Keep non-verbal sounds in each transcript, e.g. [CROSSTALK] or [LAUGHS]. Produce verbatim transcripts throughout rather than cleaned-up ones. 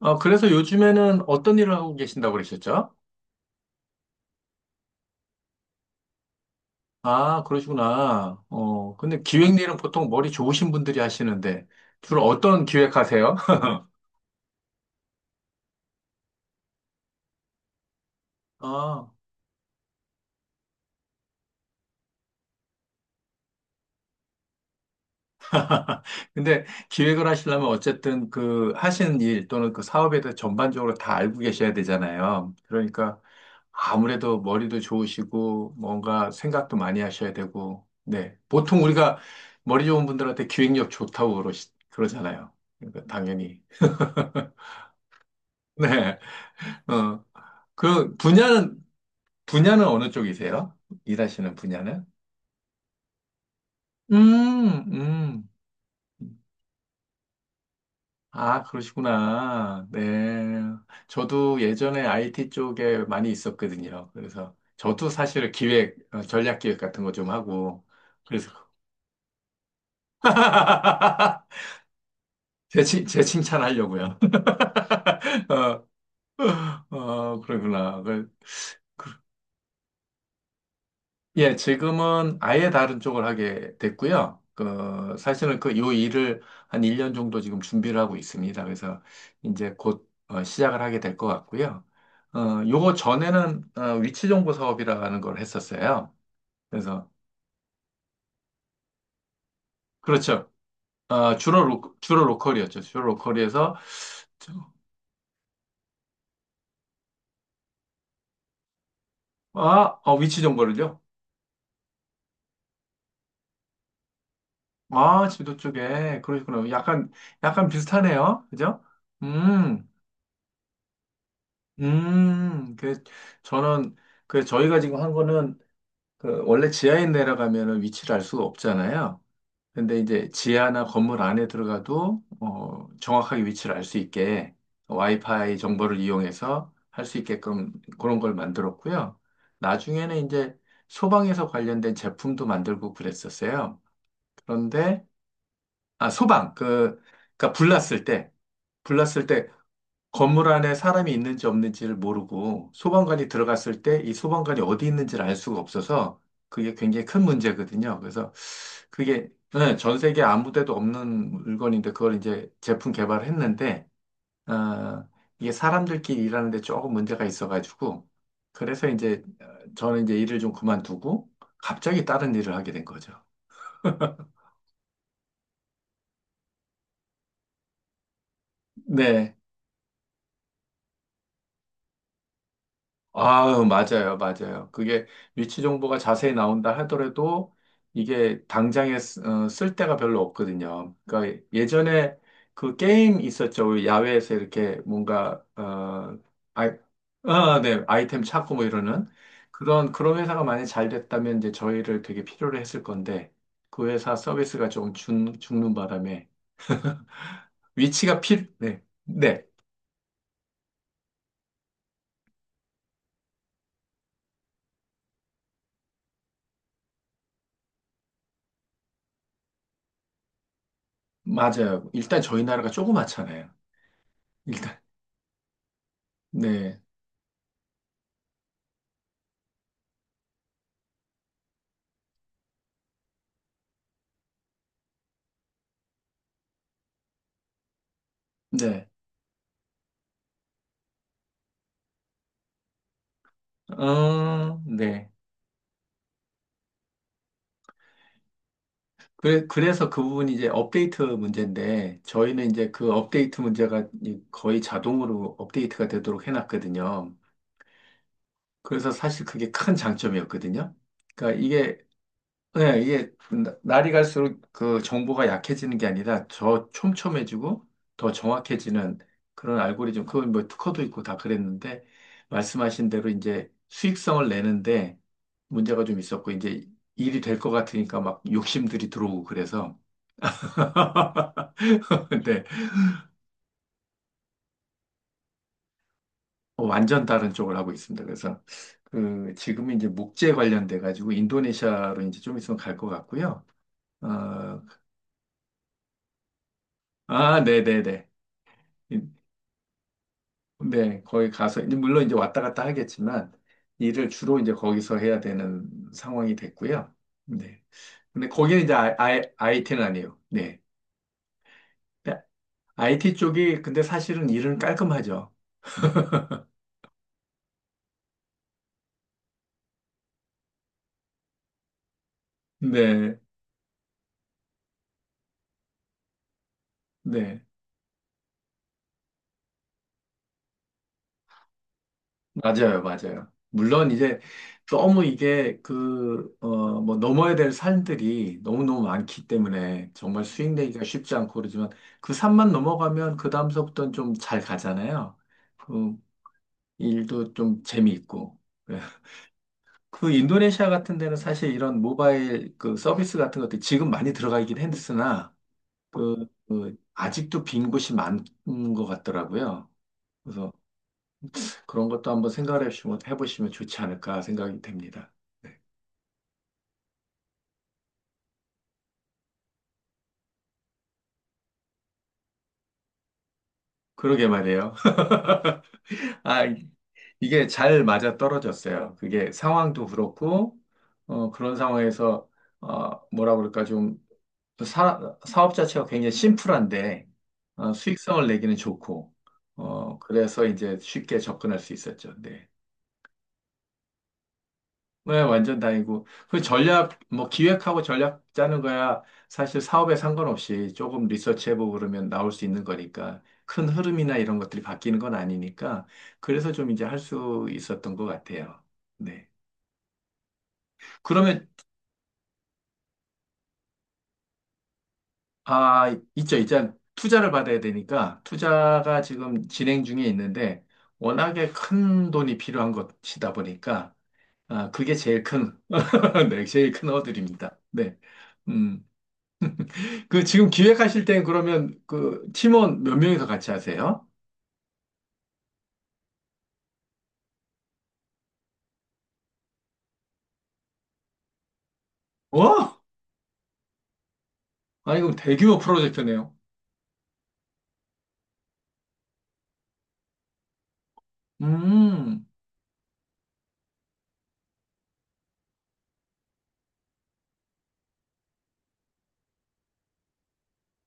아, 그래서 요즘에는 어떤 일을 하고 계신다고 그러셨죠? 아, 그러시구나. 어, 근데 기획 일은 보통 머리 좋으신 분들이 하시는데, 주로 어떤 기획하세요? [LAUGHS] 아, 근데 기획을 하시려면 어쨌든 그 하시는 일 또는 그 사업에 대해 전반적으로 다 알고 계셔야 되잖아요. 그러니까 아무래도 머리도 좋으시고, 뭔가 생각도 많이 하셔야 되고, 네. 보통 우리가 머리 좋은 분들한테 기획력 좋다고 그러시, 그러잖아요. 그러니까 당연히. [LAUGHS] 네. 어. 그 분야는 분야는 어느 쪽이세요? 일하시는 분야는? 음, 음. 아, 그러시구나. 네. 저도 예전에 아이티 쪽에 많이 있었거든요. 그래서 저도 사실 기획, 어, 전략 기획 같은 거 좀 하고 그래서 [LAUGHS] 제, 칭- 제 칭찬하려고요. [LAUGHS] 어, 어, 그러구나. 그, 예, 지금은 아예 다른 쪽을 하게 됐고요. 그, 사실은 그, 요 일을 한 일 년 정도 지금 준비를 하고 있습니다. 그래서 이제 곧 어, 시작을 하게 될 것 같고요. 어, 요거 전에는 어, 위치정보 사업이라는 걸 했었어요. 그래서, 그렇죠. 어, 주로, 로, 주로 로컬이었죠. 주로 로컬에서, 저- 아, 어, 위치정보를요? 아, 지도 쪽에. 그러시구나. 약간, 약간 비슷하네요. 그죠? 음. 음, 그, 저는, 그, 저희가 지금 한 거는, 그, 원래 지하에 내려가면은 위치를 알 수가 없잖아요. 근데 이제 지하나 건물 안에 들어가도, 어, 정확하게 위치를 알 수 있게 와이파이 정보를 이용해서 할 수 있게끔 그런 걸 만들었고요. 나중에는 이제 소방에서 관련된 제품도 만들고 그랬었어요. 그런데, 아, 소방, 그, 그니까 불났을 때, 불났을 때 건물 안에 사람이 있는지 없는지를 모르고 소방관이 들어갔을 때 이 소방관이 어디 있는지를 알 수가 없어서 그게 굉장히 큰 문제거든요. 그래서 그게 네, 전 세계 아무 데도 없는 물건인데 그걸 이제 제품 개발했는데 어, 이게 사람들끼리 일하는 데 조금 문제가 있어가지고 그래서 이제 어, 저는 이제 일을 좀 그만두고 갑자기 다른 일을 하게 된 거죠. 네. 아유, 맞아요, 맞아요. 그게 위치 정보가 자세히 나온다 하더라도 이게 당장에 쓰- 어, 쓸 데가 별로 없거든요. 그러니까 예전에 그 게임 있었죠. 우리 야외에서 이렇게 뭔가, 어, 아이, 어, 네, 아이템 찾고 뭐 이러는 그런, 그런 회사가 많이 잘 됐다면 이제 저희를 되게 필요로 했을 건데 그 회사 서비스가 좀 준, 죽는 바람에 위치가 필, 네, 네, 맞아요. 일단 저희 나라가 조그맣잖아요. 일단, 네, 네. 어, 네. 그래, 그래서 그 부분이 이제 업데이트 문제인데, 저희는 이제 그 업데이트 문제가 이- 거의 자동으로 업데이트가 되도록 해놨거든요. 그래서 사실 그게 큰 장점이었거든요. 그러니까 이게 네, 이게 나- 날이 갈수록 그 정보가 약해지는 게 아니라 더 촘촘해지고 더 정확해지는 그런 알고리즘, 그건 뭐 특허도 있고 다 그랬는데 말씀하신 대로 이제 수익성을 내는데 문제가 좀 있었고 이제 일이 될 것 같으니까 막 욕심들이 들어오고 그래서 [LAUGHS] 근데 완전 다른 쪽을 하고 있습니다. 그래서 그 지금 이제 목재 관련돼 가지고 인도네시아로 이제 좀 있으면 갈 것 같고요. 어, 아, 네네네. 네, 거기 가서, 이제 물론 이제 왔다 갔다 하겠지만, 일을 주로 이제 거기서 해야 되는 상황이 됐고요. 네. 근데 거기는 이제 아, 아, 아이티는 아니에요. 네. 네, 아이티 쪽이, 근데 사실은 일은 깔끔하죠. 네, 네. 맞아요, 맞아요. 물론 이제 너무 이게 그, 어, 뭐 넘어야 될 산들이 너무너무 많기 때문에 정말 수익 내기가 쉽지 않고 그러지만 그 산만 넘어가면 그 다음서부터는 좀 잘 가잖아요. 그 일도 좀 재미있고. 예. 그 인도네시아 같은 데는 사실 이런 모바일 그 서비스 같은 것들이 지금 많이 들어가 있긴 했으나, 그, 그 아직도 빈 곳이 많은 것 같더라고요. 그래서 그런 것도 한번 생각을 해보시면 해보시면 좋지 않을까 생각이 됩니다. 네. 그러게 말이에요. 아, 이게 잘 맞아 떨어졌어요. 그게 상황도 그렇고, 어, 그런 상황에서, 어, 뭐라 그럴까, 좀, 사, 사업 자체가 굉장히 심플한데, 어, 수익성을 내기는 좋고, 어, 그래서 이제 쉽게 접근할 수 있었죠. 네. 네, 완전 다이고. 그 전략, 뭐 기획하고 전략 짜는 거야. 사실 사업에 상관없이 조금 리서치해보고 그러면 나올 수 있는 거니까. 큰 흐름이나 이런 것들이 바뀌는 건 아니니까. 그래서 좀 이제 할 수 있었던 것 같아요. 네. 그러면, 아, 있죠. 이제 투자를 받아야 되니까 투자가 지금 진행 중에 있는데 워낙에 큰 돈이 필요한 것이다 보니까 아, 그게 제일 큰, [LAUGHS] 네, 제일 큰 허들입니다. 네. 음. 그 지금 기획하실 땐 그러면 그 팀원 몇 명이서 같이 하세요? 와! 아, 이거 대규모 프로젝트네요. 음,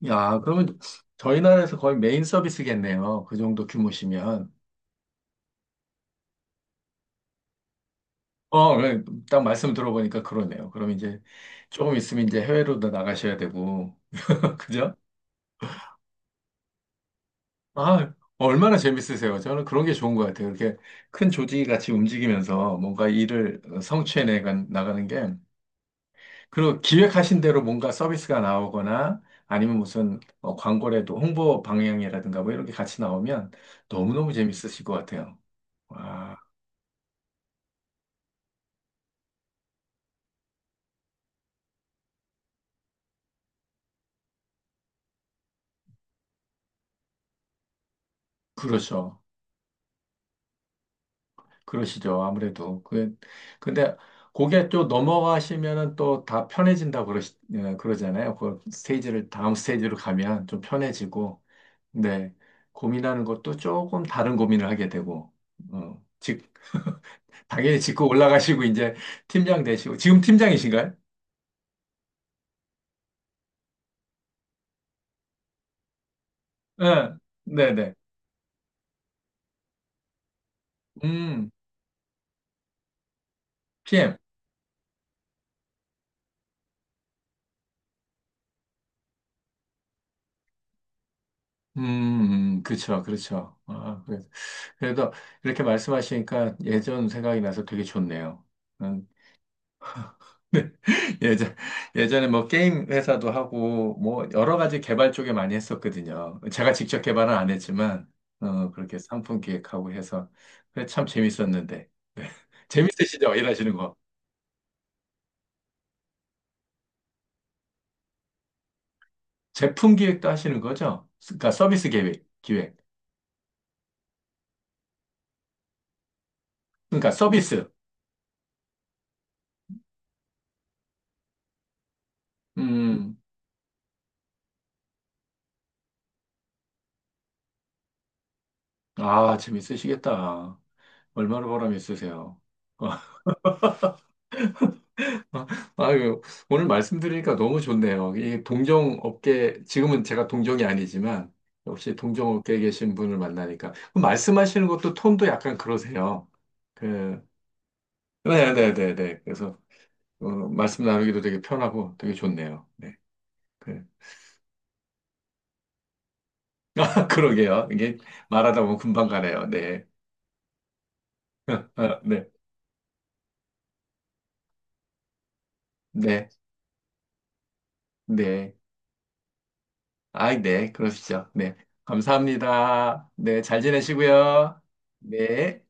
야, 그러면 저희 나라에서 거의 메인 서비스겠네요. 그 정도 규모시면. 어, 네, 딱 말씀 들어보니까 그러네요. 그럼 이제 조금 있으면 이제 해외로도 나가셔야 되고. [LAUGHS] 그죠? 아, 얼마나 재밌으세요. 저는 그런 게 좋은 것 같아요. 이렇게 큰 조직이 같이 움직이면서 뭔가 일을 성취해 나가는 게. 그리고 기획하신 대로 뭔가 서비스가 나오거나 아니면 무슨 어, 광고라도 홍보 방향이라든가 뭐 이런 게 같이 나오면 너무너무 재밌으실 것 같아요. 와, 그렇죠. 그러시죠. 아무래도. 그, 근데 거기에 또 넘어가시면은 또 다 편해진다고 그러 그러잖아요. 그 스테이지를, 다음 스테이지로 가면 좀 편해지고, 네. 고민하는 것도 조금 다른 고민을 하게 되고, 어, 즉, 당연히 짚고 올라가시고, 이제 팀장 되시고, 지금 팀장이신가요? 예, 네네. 음, 피엠. 음, 음, 그쵸, 그렇죠. 아, 그래서, 그래도 이렇게 말씀하시니까 예전 생각이 나서 되게 좋네요. 음, [LAUGHS] 네. 예전, 예전에 뭐 게임 회사도 하고, 뭐 여러 가지 개발 쪽에 많이 했었거든요. 제가 직접 개발은 안 했지만, 어, 그렇게 상품 기획하고 해서. 그래, 참 재밌었는데. 재밌으시죠? 일하시는 거. 제품 기획도 하시는 거죠? 그러니까 서비스 기획, 기획. 그러니까 서비스. 음. 아, 재밌으시겠다. 얼마나 보람 있으세요? [LAUGHS] 아유, 오늘 말씀드리니까 너무 좋네요. 이 동종업계, 지금은 제가 동종이 아니지만, 역시 동종업계에 계신 분을 만나니까. 그럼 말씀하시는 것도 톤도 약간 그러세요. 그, 네네네네. 그래서, 어, 말씀 나누기도 되게 편하고 되게 좋네요. 네. 그, [LAUGHS] 아, 그러게요. 이게 말하다 보면 금방 가네요. 네. [LAUGHS] 아, 네. 네. 네. 아, 네, 그러시죠. 네, 감사합니다. 네, 잘 지내시고요. 네.